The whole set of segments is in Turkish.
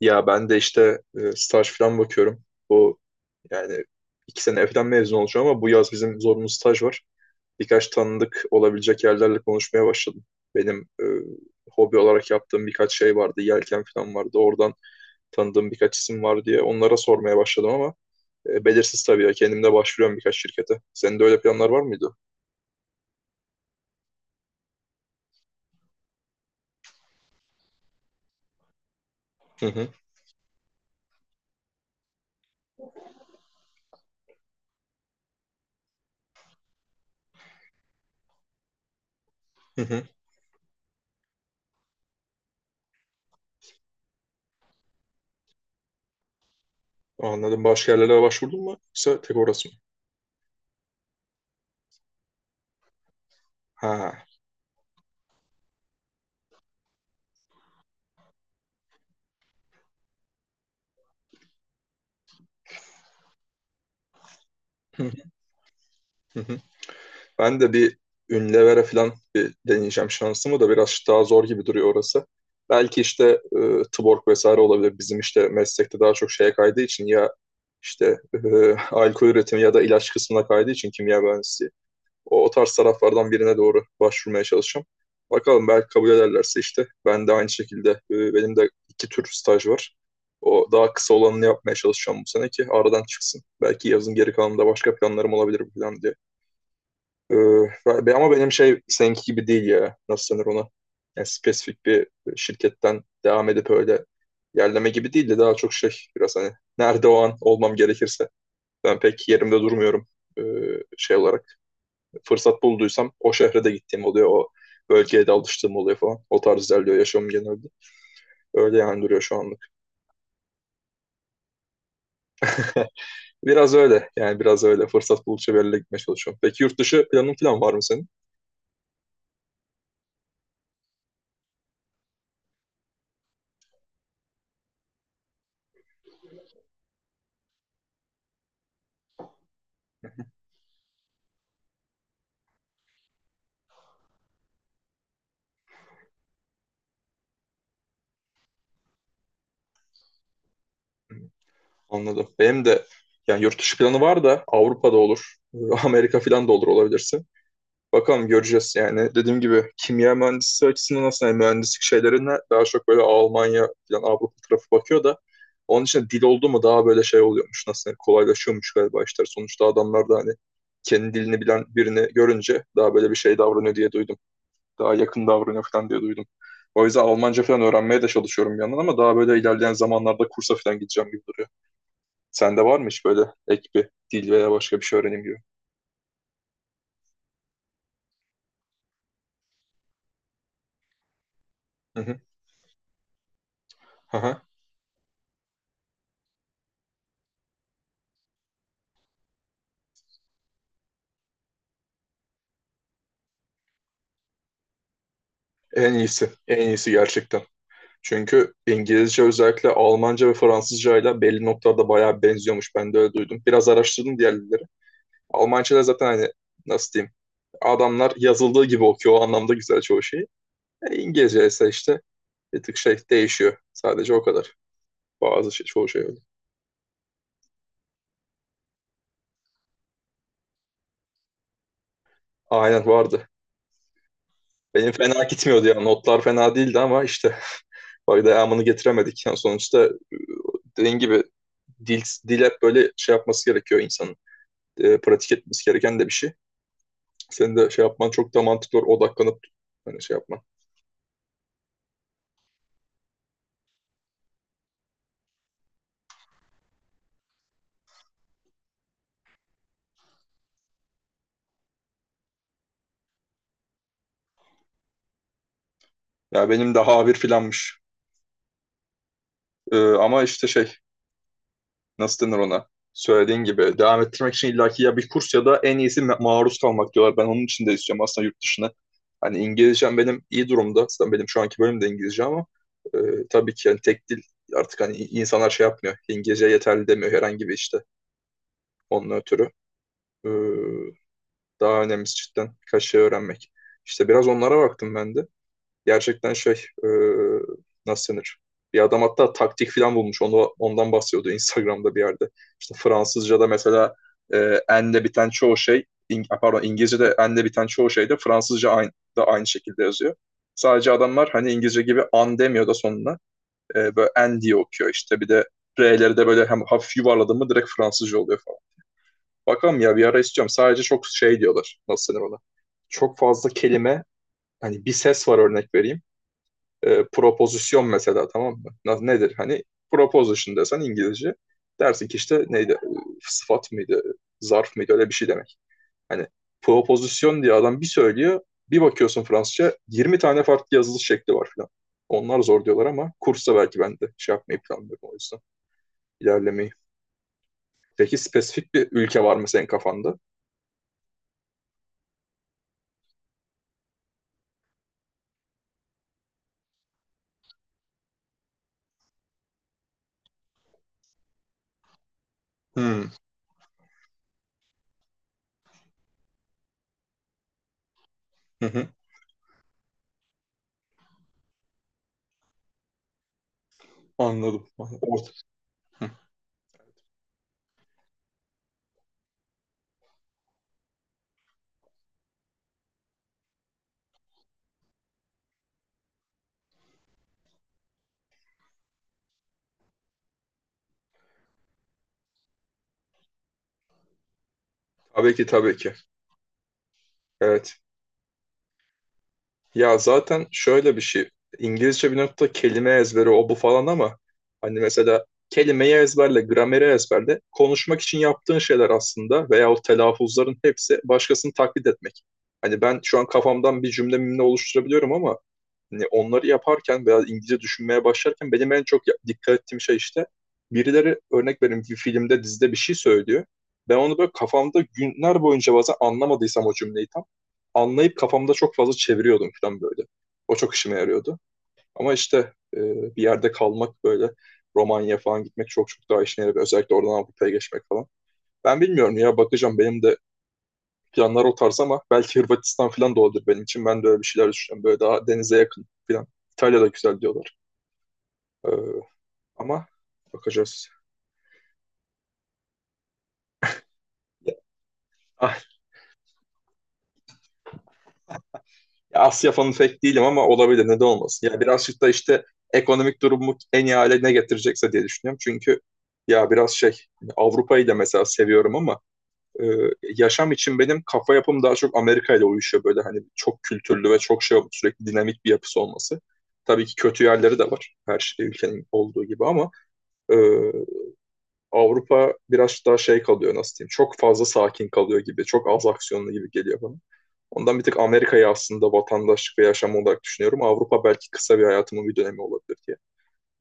Ya ben de işte staj falan bakıyorum. Bu yani iki sene falan mezun olacağım ama bu yaz bizim zorunlu staj var. Birkaç tanıdık olabilecek yerlerle konuşmaya başladım. Benim hobi olarak yaptığım birkaç şey vardı. Yelken falan vardı. Oradan tanıdığım birkaç isim var diye onlara sormaya başladım ama belirsiz tabii ya. Kendim de başvuruyorum birkaç şirkete. Senin de öyle planlar var mıydı? Hı hı, hı hı. Anladım. Başka yerlere başvurdun mu? Yoksa tek orası mı? Ha. Ben de bir Unilever'e falan bir deneyeceğim şansımı, da biraz daha zor gibi duruyor orası. Belki işte Tuborg vesaire olabilir. Bizim işte meslekte daha çok şeye kaydığı için ya işte alkol üretimi ya da ilaç kısmına kaydığı için kimya mühendisliği. O tarz taraflardan birine doğru başvurmaya çalışacağım. Bakalım belki kabul ederlerse işte ben de aynı şekilde benim de iki tür staj var. O daha kısa olanını yapmaya çalışacağım bu sene ki aradan çıksın. Belki yazın geri kalanında başka planlarım olabilir bu plan diye. Ee, ama benim şey seninki gibi değil ya. Nasıl denir ona? Yani spesifik bir şirketten devam edip öyle yerleme gibi değil de daha çok şey biraz hani nerede o an olmam gerekirse. Ben pek yerimde durmuyorum ee, şey olarak. Fırsat bulduysam o şehre de gittiğim oluyor. O bölgeye de alıştığım oluyor falan. O tarz ilerliyor yaşamım genelde. Öyle yani duruyor şu anlık. Biraz öyle yani biraz öyle. Fırsat buldukça bir yerlere gitmeye çalışıyorum. Peki yurt dışı planın falan var mı senin? Anladım. Benim de yani yurt dışı planı var da Avrupa'da olur. Amerika falan da olur olabilirsin. Bakalım göreceğiz yani. Dediğim gibi kimya mühendisi açısından aslında yani mühendislik şeylerine daha çok böyle Almanya falan Avrupa tarafı bakıyor da onun için dil oldu mu daha böyle şey oluyormuş. Nasıl yani kolaylaşıyormuş galiba işler. Sonuçta adamlar da hani kendi dilini bilen birini görünce daha böyle bir şey davranıyor diye duydum. Daha yakın davranıyor falan diye duydum. O yüzden Almanca falan öğrenmeye de çalışıyorum bir yandan ama daha böyle ilerleyen zamanlarda kursa falan gideceğim gibi duruyor. Sende var mı hiç böyle ek bir dil veya başka bir şey öğrenim gibi? Hı hı. Aha. En iyisi. En iyisi gerçekten. Çünkü İngilizce özellikle Almanca ve Fransızca ile belli noktalarda bayağı benziyormuş. Ben de öyle duydum. Biraz araştırdım diğer dilleri. Almanca'da zaten hani nasıl diyeyim? Adamlar yazıldığı gibi okuyor. O anlamda güzel çoğu şeyi. İngilizce ise işte bir tık şey değişiyor. Sadece o kadar. Bazı şey, çoğu şey öyle. Aynen vardı. Benim fena gitmiyordu ya. Notlar fena değildi ama işte bak devamını getiremedik. Yani sonuçta dediğin gibi dil, dil hep böyle şey yapması gerekiyor insanın. Pratik etmesi gereken de bir şey. Senin de şey yapman çok da mantıklı olur. Odaklanıp hani şey yapman. Ya benim daha A1 filanmış. Ama işte şey nasıl denir ona? Söylediğin gibi devam ettirmek için illaki ya bir kurs ya da en iyisi maruz kalmak diyorlar. Ben onun için de istiyorum aslında yurt dışına. Hani İngilizcem benim iyi durumda. Aslında benim şu anki bölüm de İngilizce ama e, tabii ki yani tek dil artık hani insanlar şey yapmıyor. İngilizce yeterli demiyor herhangi bir işte onun ötürü. E, Daha önemlisi cidden birkaç şey öğrenmek. İşte biraz onlara baktım ben de. Gerçekten şey nasıl denir? Bir adam hatta taktik falan bulmuş. Ondan bahsediyordu Instagram'da bir yerde. İşte Fransızca'da mesela e, enle biten çoğu şey pardon, İngilizce'de enle biten çoğu şey de Fransızca da aynı şekilde yazıyor. Sadece adamlar hani İngilizce gibi an demiyor da sonuna. Böyle en diye okuyor işte. Bir de R'leri de böyle hem hafif yuvarladım mı direkt Fransızca oluyor falan. Bakalım ya bir ara isteyeceğim. Sadece çok şey diyorlar. Nasıl denir ona? Çok fazla kelime hani bir ses var örnek vereyim. Propozisyon mesela, tamam mı? Nedir? Hani proposition desen İngilizce dersin ki işte neydi? Sıfat mıydı? Zarf mıydı? Öyle bir şey demek. Hani propozisyon diye adam bir söylüyor. Bir bakıyorsun Fransızca 20 tane farklı yazılış şekli var falan. Onlar zor diyorlar ama kursa belki ben de şey yapmayı planlıyorum o yüzden. İlerlemeyi. Peki spesifik bir ülke var mı senin kafanda? Hmm. Hı hı. Anladım. Orta. Hı. Tabii ki, tabii ki. Evet. Ya zaten şöyle bir şey. İngilizce bir nokta kelime ezberi o bu falan ama hani mesela kelimeyi ezberle, grameri ezberle. Konuşmak için yaptığın şeyler aslında veya o telaffuzların hepsi başkasını taklit etmek. Hani ben şu an kafamdan bir cümle mimle oluşturabiliyorum ama hani onları yaparken veya İngilizce düşünmeye başlarken benim en çok dikkat ettiğim şey işte birileri örnek vereyim bir filmde dizide bir şey söylüyor. Ben onu böyle kafamda günler boyunca bazen anlamadıysam o cümleyi tam anlayıp kafamda çok fazla çeviriyordum falan böyle. O çok işime yarıyordu. Ama işte bir yerde kalmak böyle Romanya falan gitmek çok çok daha işine yarıyor. Özellikle oradan Avrupa'ya geçmek falan. Ben bilmiyorum ya bakacağım, benim de planlar o tarz ama belki Hırvatistan falan da olabilir benim için. Ben de öyle bir şeyler düşünüyorum. Böyle daha denize yakın falan. İtalya güzel diyorlar. Ee, ama bakacağız. Ya, ah, ya Asya fanı pek değilim ama olabilir. Neden olmasın? Ya birazcık da işte ekonomik durumu en iyi hale ne getirecekse diye düşünüyorum. Çünkü ya biraz şey hani Avrupa'yı da mesela seviyorum ama e, yaşam için benim kafa yapım daha çok Amerika ile uyuşuyor, böyle hani çok kültürlü ve çok şey sürekli dinamik bir yapısı olması. Tabii ki kötü yerleri de var her şey ülkenin olduğu gibi ama e, Avrupa biraz daha şey kalıyor, nasıl diyeyim, çok fazla sakin kalıyor gibi, çok az aksiyonlu gibi geliyor bana. Ondan bir tık Amerika'yı aslında vatandaşlık ve yaşam olarak düşünüyorum. Avrupa belki kısa bir hayatımın bir dönemi olabilir diye.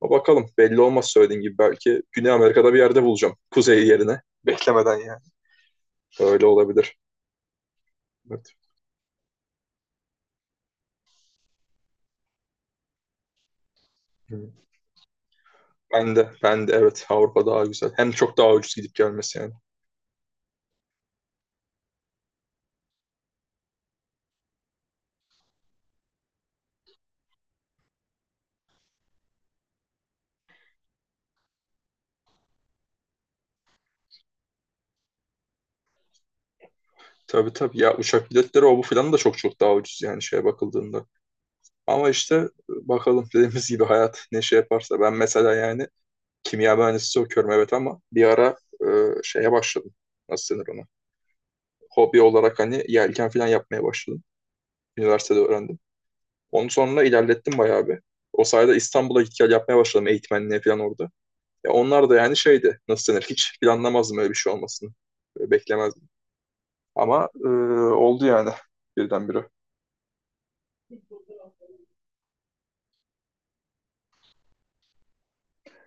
Ama bakalım belli olmaz, söylediğin gibi belki Güney Amerika'da bir yerde bulacağım. Kuzey yerine. Beklemeden yani. Öyle olabilir. Evet. Ben de evet, Avrupa daha güzel. Hem çok daha ucuz gidip gelmesi yani. Tabii tabii, ya uçak biletleri o bu filan da çok çok daha ucuz yani şeye bakıldığında. Ama işte bakalım dediğimiz gibi hayat ne şey yaparsa. Ben mesela yani kimya mühendisi okuyorum evet ama bir ara e, şeye başladım. Nasıl denir ona? Hobi olarak hani yelken falan yapmaya başladım. Üniversitede öğrendim. Onun sonra ilerlettim bayağı bir. O sayede İstanbul'a git gel yapmaya başladım eğitmenliğe falan orada. Ya onlar da yani şeydi, nasıl denir, hiç planlamazdım öyle bir şey olmasını. Böyle beklemezdim. Ama oldu yani birdenbire.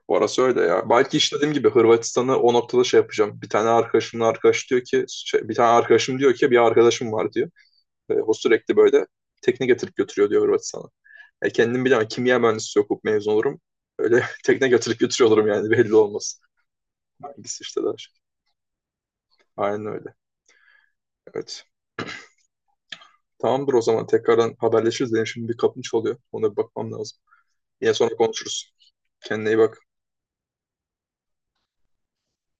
Orası öyle ya. Belki işte dediğim gibi Hırvatistan'ı o noktada şey yapacağım. Bir tane arkadaşım diyor ki bir arkadaşım var diyor. O sürekli böyle tekne getirip götürüyor diyor Hırvatistan'a. Kendim bilemem. Kimya mühendisi okup mezun olurum. Öyle tekne getirip götürüyor olurum yani belli olmaz. Hangisi işte daha şey. Aynen öyle. Evet. Tamamdır, o zaman tekrardan haberleşiriz. Benim şimdi bir kapım çalıyor. Ona bir bakmam lazım. Yine sonra konuşuruz. Kendine iyi bak.